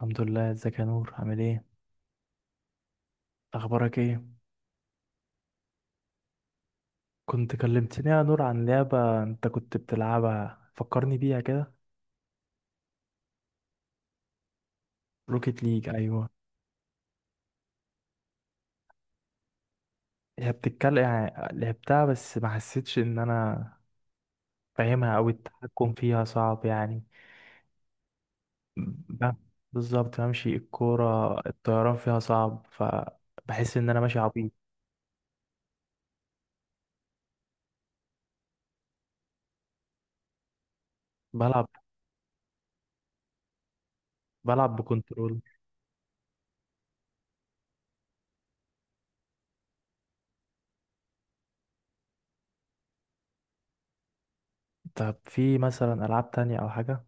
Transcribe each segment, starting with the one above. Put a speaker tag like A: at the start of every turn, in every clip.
A: الحمد لله، ازيك يا نور؟ عامل ايه؟ اخبارك ايه؟ كنت كلمتني يا نور عن لعبة انت كنت بتلعبها، فكرني بيها كده. روكيت ليج، ايوه. هي بتتكلم يعني، لعبتها بس ما حسيتش ان انا فاهمها، او التحكم فيها صعب يعني. ب- بالظبط، بمشي الكورة، الطيران فيها صعب فبحس ان انا ماشي عبيط. بلعب بلعب بكنترول. طب في مثلا العاب تانية او حاجة؟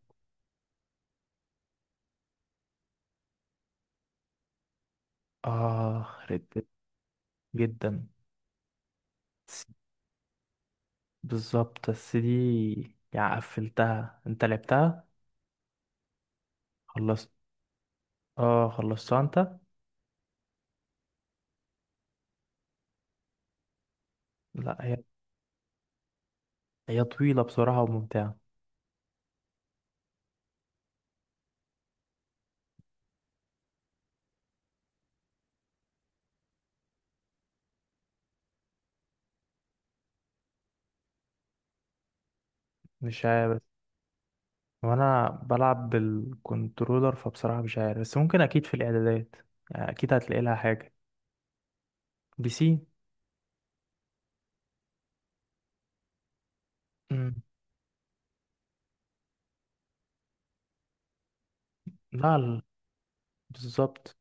A: اه، ريد. جدا. بالظبط، بس دي يعني قفلتها؟ انت لعبتها؟ خلصت. اه، خلصتها انت؟ لا، هي طويلة بصراحة وممتعة. مش عارف، وانا بلعب بالكنترولر فبصراحة مش عارف، بس ممكن اكيد في الاعدادات، يعني اكيد هتلاقي لها حاجة. بي سي. امم. لا، بالظبط.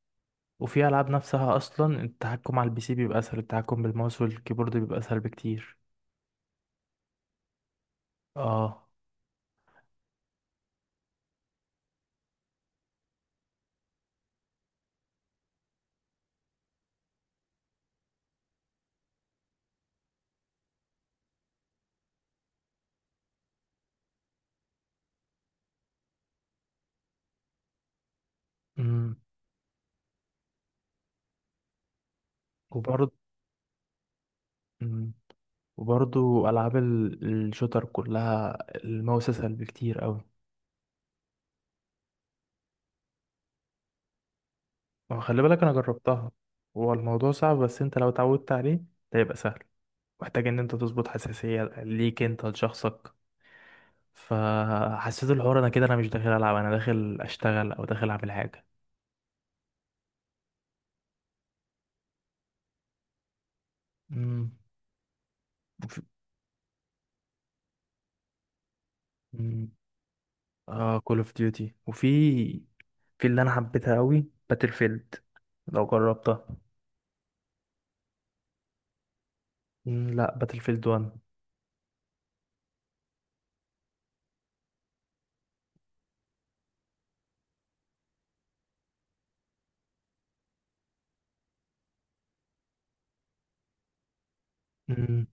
A: وفي العاب نفسها اصلا، التحكم على البي سي بيبقى اسهل، التحكم بالماوس والكيبورد بيبقى اسهل بكتير. اه. امم. وبرضه وبرضو ألعاب الشوتر كلها، الماوس أسهل بكتير أوي. ما هو خلي بالك، أنا جربتها. هو الموضوع صعب، بس أنت لو اتعودت عليه ده يبقى سهل. محتاج إن أنت تظبط حساسية ليك أنت لشخصك. فحسيت الحوار أنا كده، أنا مش داخل ألعب، أنا داخل أشتغل أو داخل أعمل حاجة. امم. وفي... امم. كول أوف ديوتي، وفي، في اللي أنا حبيتها أوي، باتل فيلد. لو جربتها. لا، باتل فيلد 1. امم.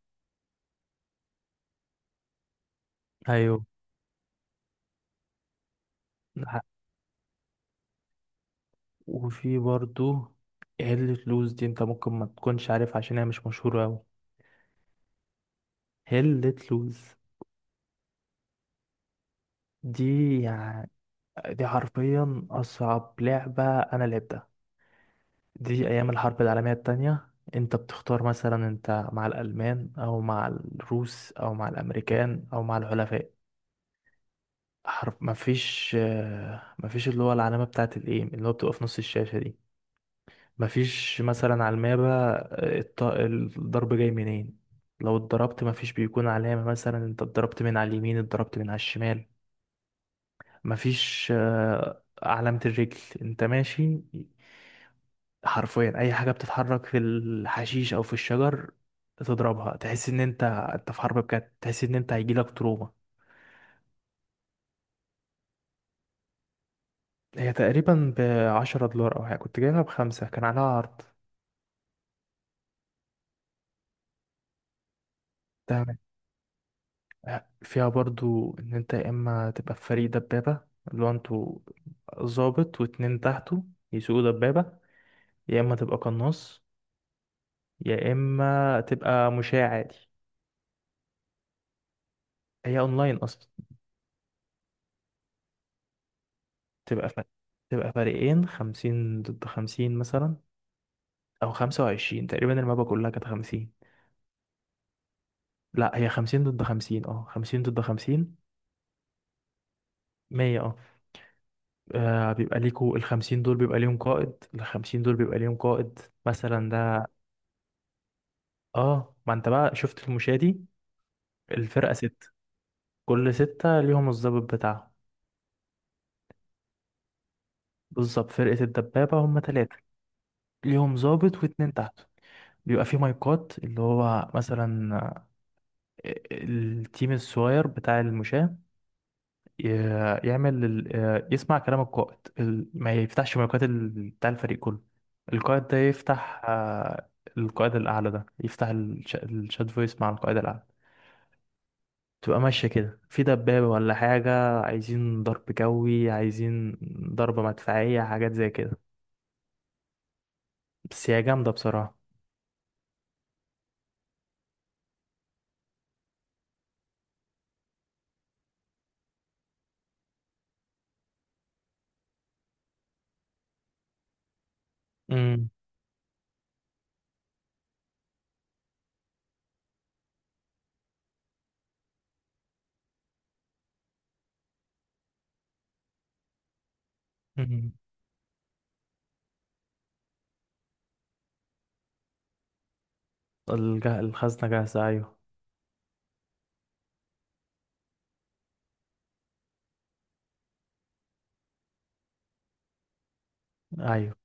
A: أيوه. وفي برضو هيلة لوز دي، انت ممكن ما تكونش عارف عشان هي مش مشهورة أوي. هيلة لوز. دي يعني، دي حرفيا أصعب لعبة أنا لعبتها. دي أيام الحرب العالمية التانية. انت بتختار، مثلا انت مع الألمان أو مع الروس أو مع الأمريكان أو مع الحلفاء. حرف، مفيش اللي هو العلامة بتاعت الإيه اللي هو بتبقى في نص الشاشة دي. مفيش مثلا على المابة الضرب جاي منين. لو اتضربت مفيش بيكون علامة، مثلا انت اتضربت من على اليمين اتضربت من على الشمال. مفيش علامة الرجل انت ماشي. حرفيا اي حاجة بتتحرك في الحشيش او في الشجر تضربها، تحس ان انت في حرب بجد، تحس ان انت هيجيلك تروما. هي تقريبا بعشرة دولار او حاجة، كنت جايبها بخمسة، كان عليها عرض. ده فيها برضو ان انت يا اما تبقى في فريق دبابة، اللي هو انتوا ظابط واتنين تحته يسوقوا دبابة، يا اما تبقى قناص، يا اما تبقى مشاة عادي. هي اونلاين اصلا. تبقى فرق. تبقى فريقين، 50 ضد 50 مثلا، او 25 تقريبا، المابا كلها كانت خمسين. لا، هي خمسين ضد خمسين، اه، خمسين ضد خمسين. مية، اه. بيبقى ليكوا الخمسين دول بيبقى ليهم قائد مثلا ده. اه، ما انت بقى شفت المشاة دي، الفرقة ستة، كل ستة ليهم الضابط بتاعهم. بالظبط، فرقة الدبابة هم تلاتة، ليهم ضابط واتنين تحته. بيبقى فيه مايكات، اللي هو مثلا التيم الصغير بتاع المشاة ي- يعمل يسمع كلام القائد، ما يفتحش مايكات بتاع الفريق كله. القائد ده يفتح القائد الأعلى ده يفتح الشات فويس مع القائد الأعلى. تبقى ماشية كده في دبابة ولا حاجة، عايزين ضرب جوي، عايزين ضربة مدفعية، حاجات زي كده. بس هي جامدة بصراحة. امم. أمم. الخزنة جاهزة، أيوة. أيوة،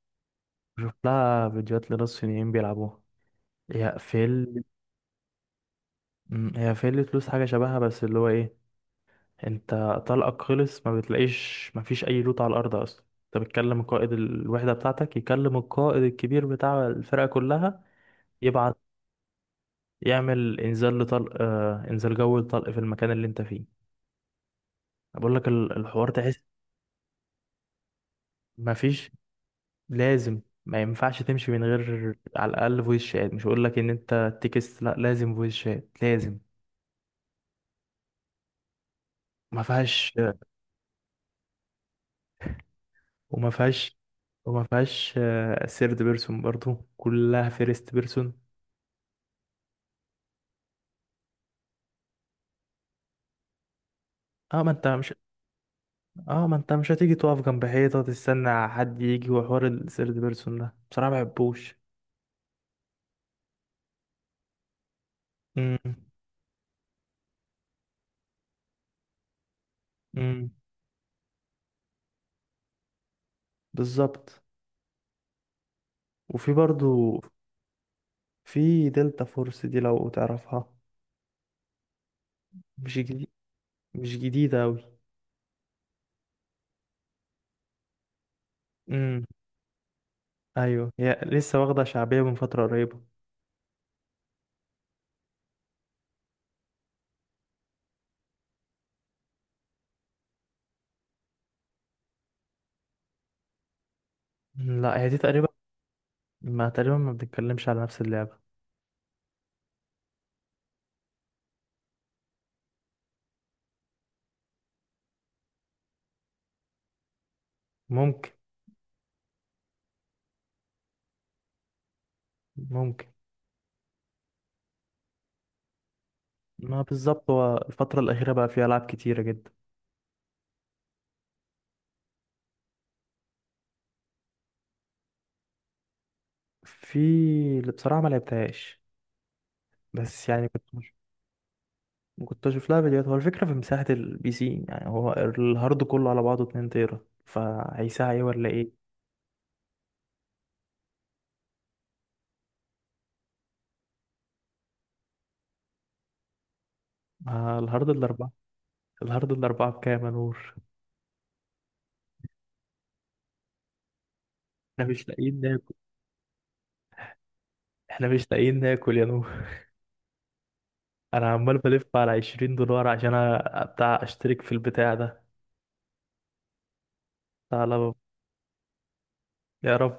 A: شوف لها فيديوهات لناس صينيين بيلعبوها. هي فيل أمم، هي فيل فلوس حاجة شبهها، بس اللي هو إيه، أنت طلقك خلص ما بتلاقيش، ما فيش أي لوت على الأرض أصلا. أنت بتكلم قائد الوحدة بتاعتك، يكلم القائد الكبير بتاع الفرقة كلها، يبعت، يعمل انزال جوي لطلق في المكان اللي انت فيه. بقول لك، الحوار تحس، مفيش، لازم. ما ينفعش تمشي من غير على الاقل فويس شات، مش هقول لك ان انت تكست، لا لازم فويس شات لازم. ما فيهاش وما فيهاش وما فيهاش. سيرد بيرسون، برضو كلها فيرست بيرسون. اه ما انت مش اه ما انت مش هتيجي تقف جنب حيطة تستنى حد يجي، وحوار السيرد بيرسون ده بصراحة ما بحبوش. امم. امم. بالظبط. وفي برضو في دلتا فورس دي لو تعرفها. مش جديد، مش جديدة أوي. امم. أيوة، هي لسه واخدة شعبية من فترة قريبة. لا، هي دي تقريبا، ما تقريبا ما بنتكلمش على نفس اللعبة. ممكن. ممكن. ما بالظبط، هو الفترة الأخيرة بقى فيها ألعاب كتيرة جدا. في اللي بصراحة ما لعبتهاش، بس يعني كنت أشوف لها فيديوهات. هو الفكرة في مساحة البي سي يعني، هو الهارد كله على بعضه 2 تيرا، فهيساع إيه ولا إيه؟ ما الهارد الأربعة، الهارد الأربعة بكام يا نور؟ احنا مش لاقيين ناكل. احنا مش لاقيين ناكل يا نور. انا عمال بلف على 20 دولار عشان بتاع اشترك في البتاع ده. تعالى، يا رب.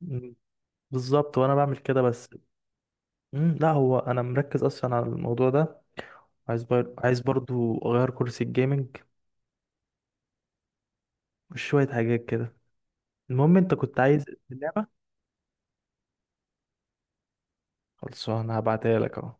A: مم. بالظبط، وانا بعمل كده بس. لا، هو انا مركز اصلا على الموضوع ده. عايز برضو اغير كرسي الجيمنج وشوية حاجات كده. المهم، انت كنت عايز اللعبة، خلصانه هبعتها لك اهو.